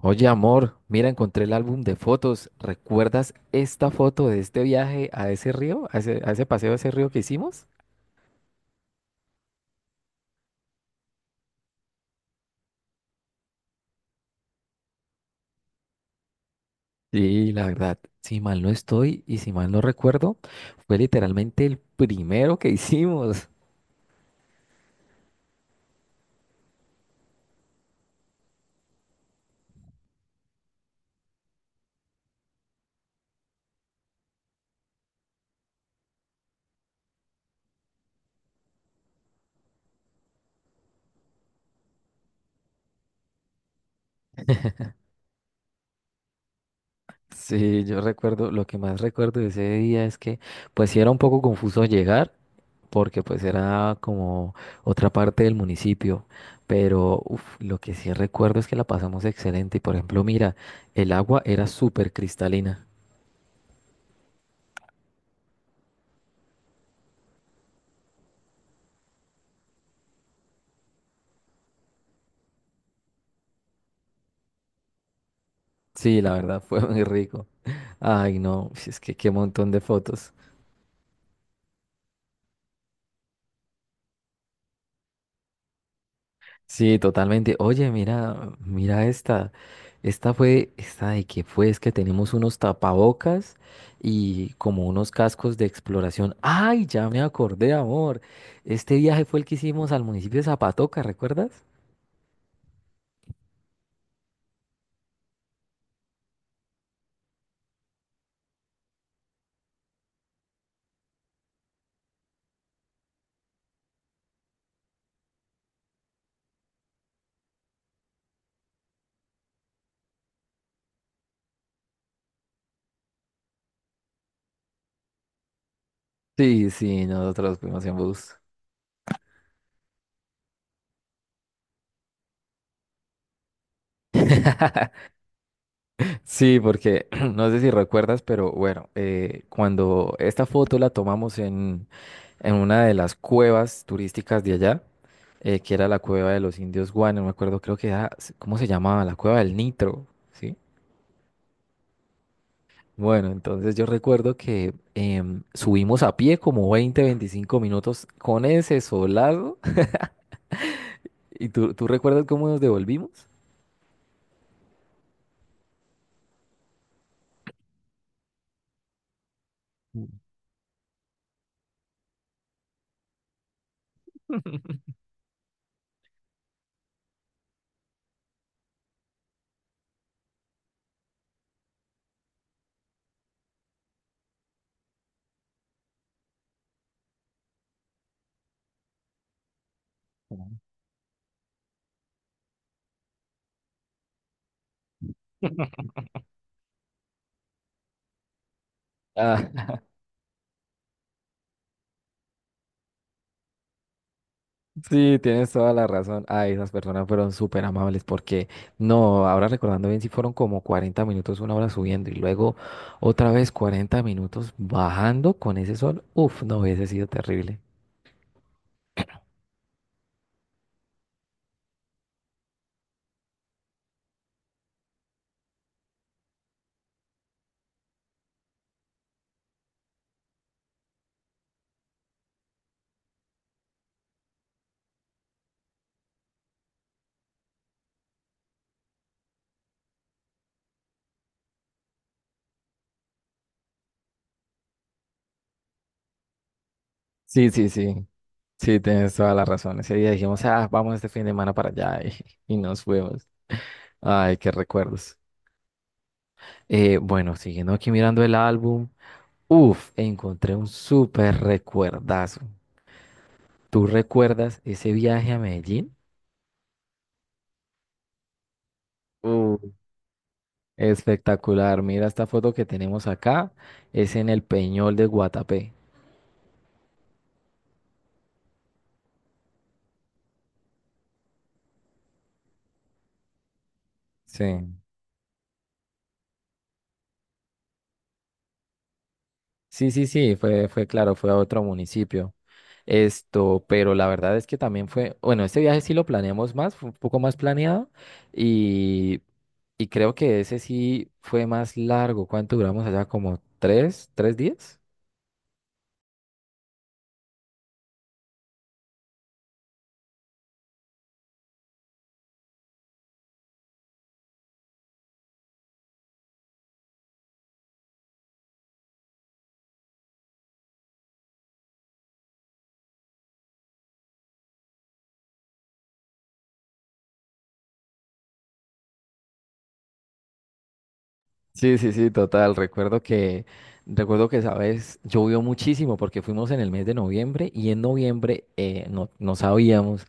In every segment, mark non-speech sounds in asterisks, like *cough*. Oye, amor, mira, encontré el álbum de fotos. ¿Recuerdas esta foto de este viaje a ese río, a ese paseo a ese río que hicimos? Sí, la verdad, si mal no estoy y si mal no recuerdo, fue literalmente el primero que *laughs* hicimos. Sí, yo recuerdo, lo que más recuerdo de ese día es que pues sí era un poco confuso llegar, porque pues era como otra parte del municipio, pero uf, lo que sí recuerdo es que la pasamos excelente y por ejemplo, mira, el agua era súper cristalina. Sí, la verdad *laughs* fue muy rico. Ay, no, si es que qué montón de fotos. Sí, totalmente. Oye, mira, mira esta. Esta fue, esta de que fue, es que tenemos unos tapabocas y como unos cascos de exploración. ¡Ay, ya me acordé, amor! Este viaje fue el que hicimos al municipio de Zapatoca, ¿recuerdas? Sí, sí, nosotros fuimos en bus. Sí, porque *clears throat* no sé si recuerdas, pero bueno, cuando esta foto la tomamos en una de las cuevas turísticas de allá, que era la cueva de los indios guane, no me acuerdo, creo que era, ¿cómo se llamaba? La cueva del Nitro, ¿sí? Bueno, entonces yo recuerdo que subimos a pie como 20, 25 minutos con ese solado. *laughs* ¿Y tú recuerdas cómo nos devolvimos? Mm, claro. *laughs* Ah, sí, tienes toda la razón. Ay, esas personas fueron súper amables porque, no, ahora recordando bien, si fueron como 40 minutos, 1 hora subiendo y luego otra vez 40 minutos bajando con ese sol. Uf, no hubiese sido terrible. *clears throat* Sí, sí, sí. Sí, tienes toda la razón. Ese día dijimos, ah, vamos este fin de semana para allá *laughs* y nos fuimos. Ay, qué recuerdos. Bueno, siguiendo aquí mirando el álbum, uf, encontré un súper recuerdazo. ¿Tú recuerdas ese viaje a Medellín? Espectacular. Mira esta foto que tenemos acá. Es en el Peñol de Guatapé. Sí. Sí, sí, sí, fue claro, fue a otro municipio. Esto, pero la verdad es que también fue, bueno, este viaje sí lo planeamos más, fue un poco más planeado y, y creo que ese sí fue más largo. ¿Cuánto duramos allá? ¿Como tres días? Sí, sí, sí, total. Recuerdo que esa vez llovió muchísimo porque fuimos en el mes de noviembre y en noviembre no sabíamos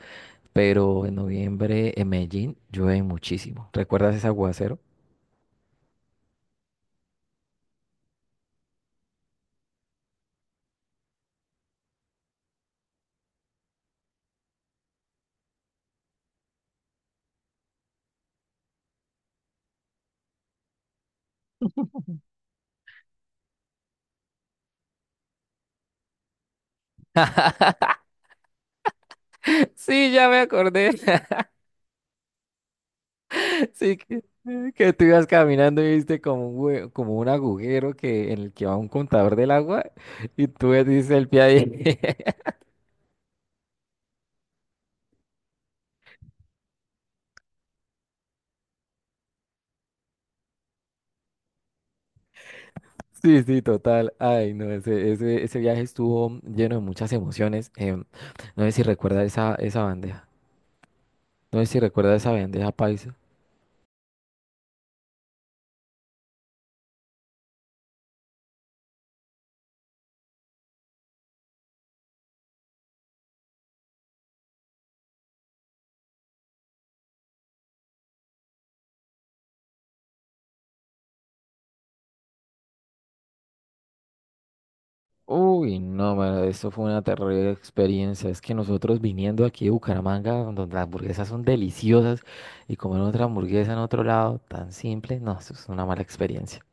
pero en noviembre en Medellín llueve muchísimo. ¿Recuerdas ese aguacero? *laughs* Sí, ya me acordé. *laughs* Sí, que tú ibas caminando y viste como como un agujero que, en el que va un contador del agua *laughs* y tú ves el pie ahí. *laughs* Sí, sí, total. Ay, no, ese viaje estuvo lleno de muchas emociones. No sé si recuerdas esa bandeja. No sé si recuerdas esa bandeja paisa. Uy, no, mano, eso fue una terrible experiencia. Es que nosotros viniendo aquí de Bucaramanga, donde las hamburguesas son deliciosas, y comer otra hamburguesa en otro lado tan simple, no, eso es una mala experiencia.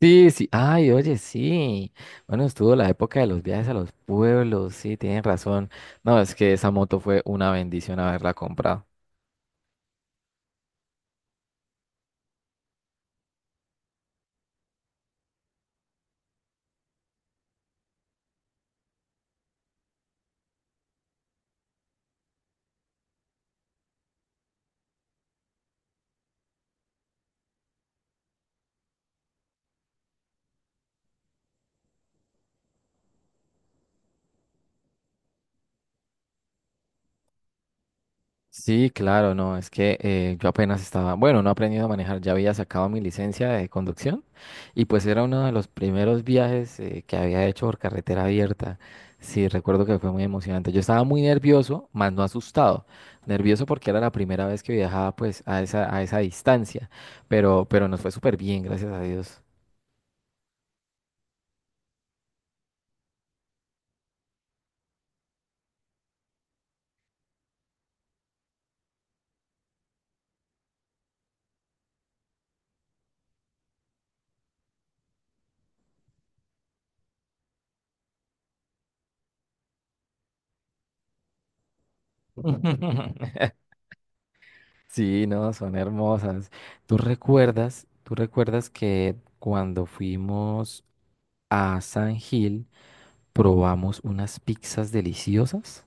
Sí, sí, ay, oye, sí. Bueno, estuvo la época de los viajes a los pueblos, sí, tienen razón. No, es que esa moto fue una bendición haberla comprado. Sí, claro, no, es que yo apenas estaba, bueno, no he aprendido a manejar, ya había sacado mi licencia de conducción y pues era uno de los primeros viajes que había hecho por carretera abierta. Sí, recuerdo que fue muy emocionante. Yo estaba muy nervioso, más no asustado. Nervioso porque era la primera vez que viajaba pues a esa distancia, pero nos fue súper bien, gracias a Dios. *laughs* Sí, no, son hermosas. ¿Tú recuerdas que cuando fuimos a San Gil, probamos unas pizzas deliciosas.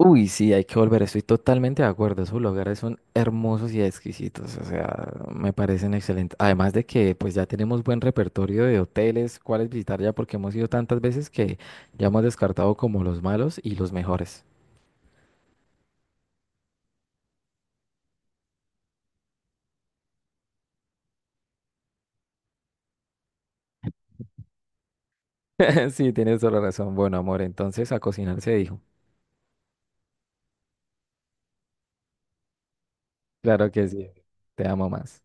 Uy, sí, hay que volver, estoy totalmente de acuerdo. Esos lugares son hermosos y exquisitos, o sea, me parecen excelentes. Además de que pues ya tenemos buen repertorio de hoteles, cuáles visitar ya, porque hemos ido tantas veces que ya hemos descartado como los malos y los mejores. *laughs* Sí, tienes toda la razón. Bueno, amor, entonces a cocinar se dijo. Claro que sí, te amo más.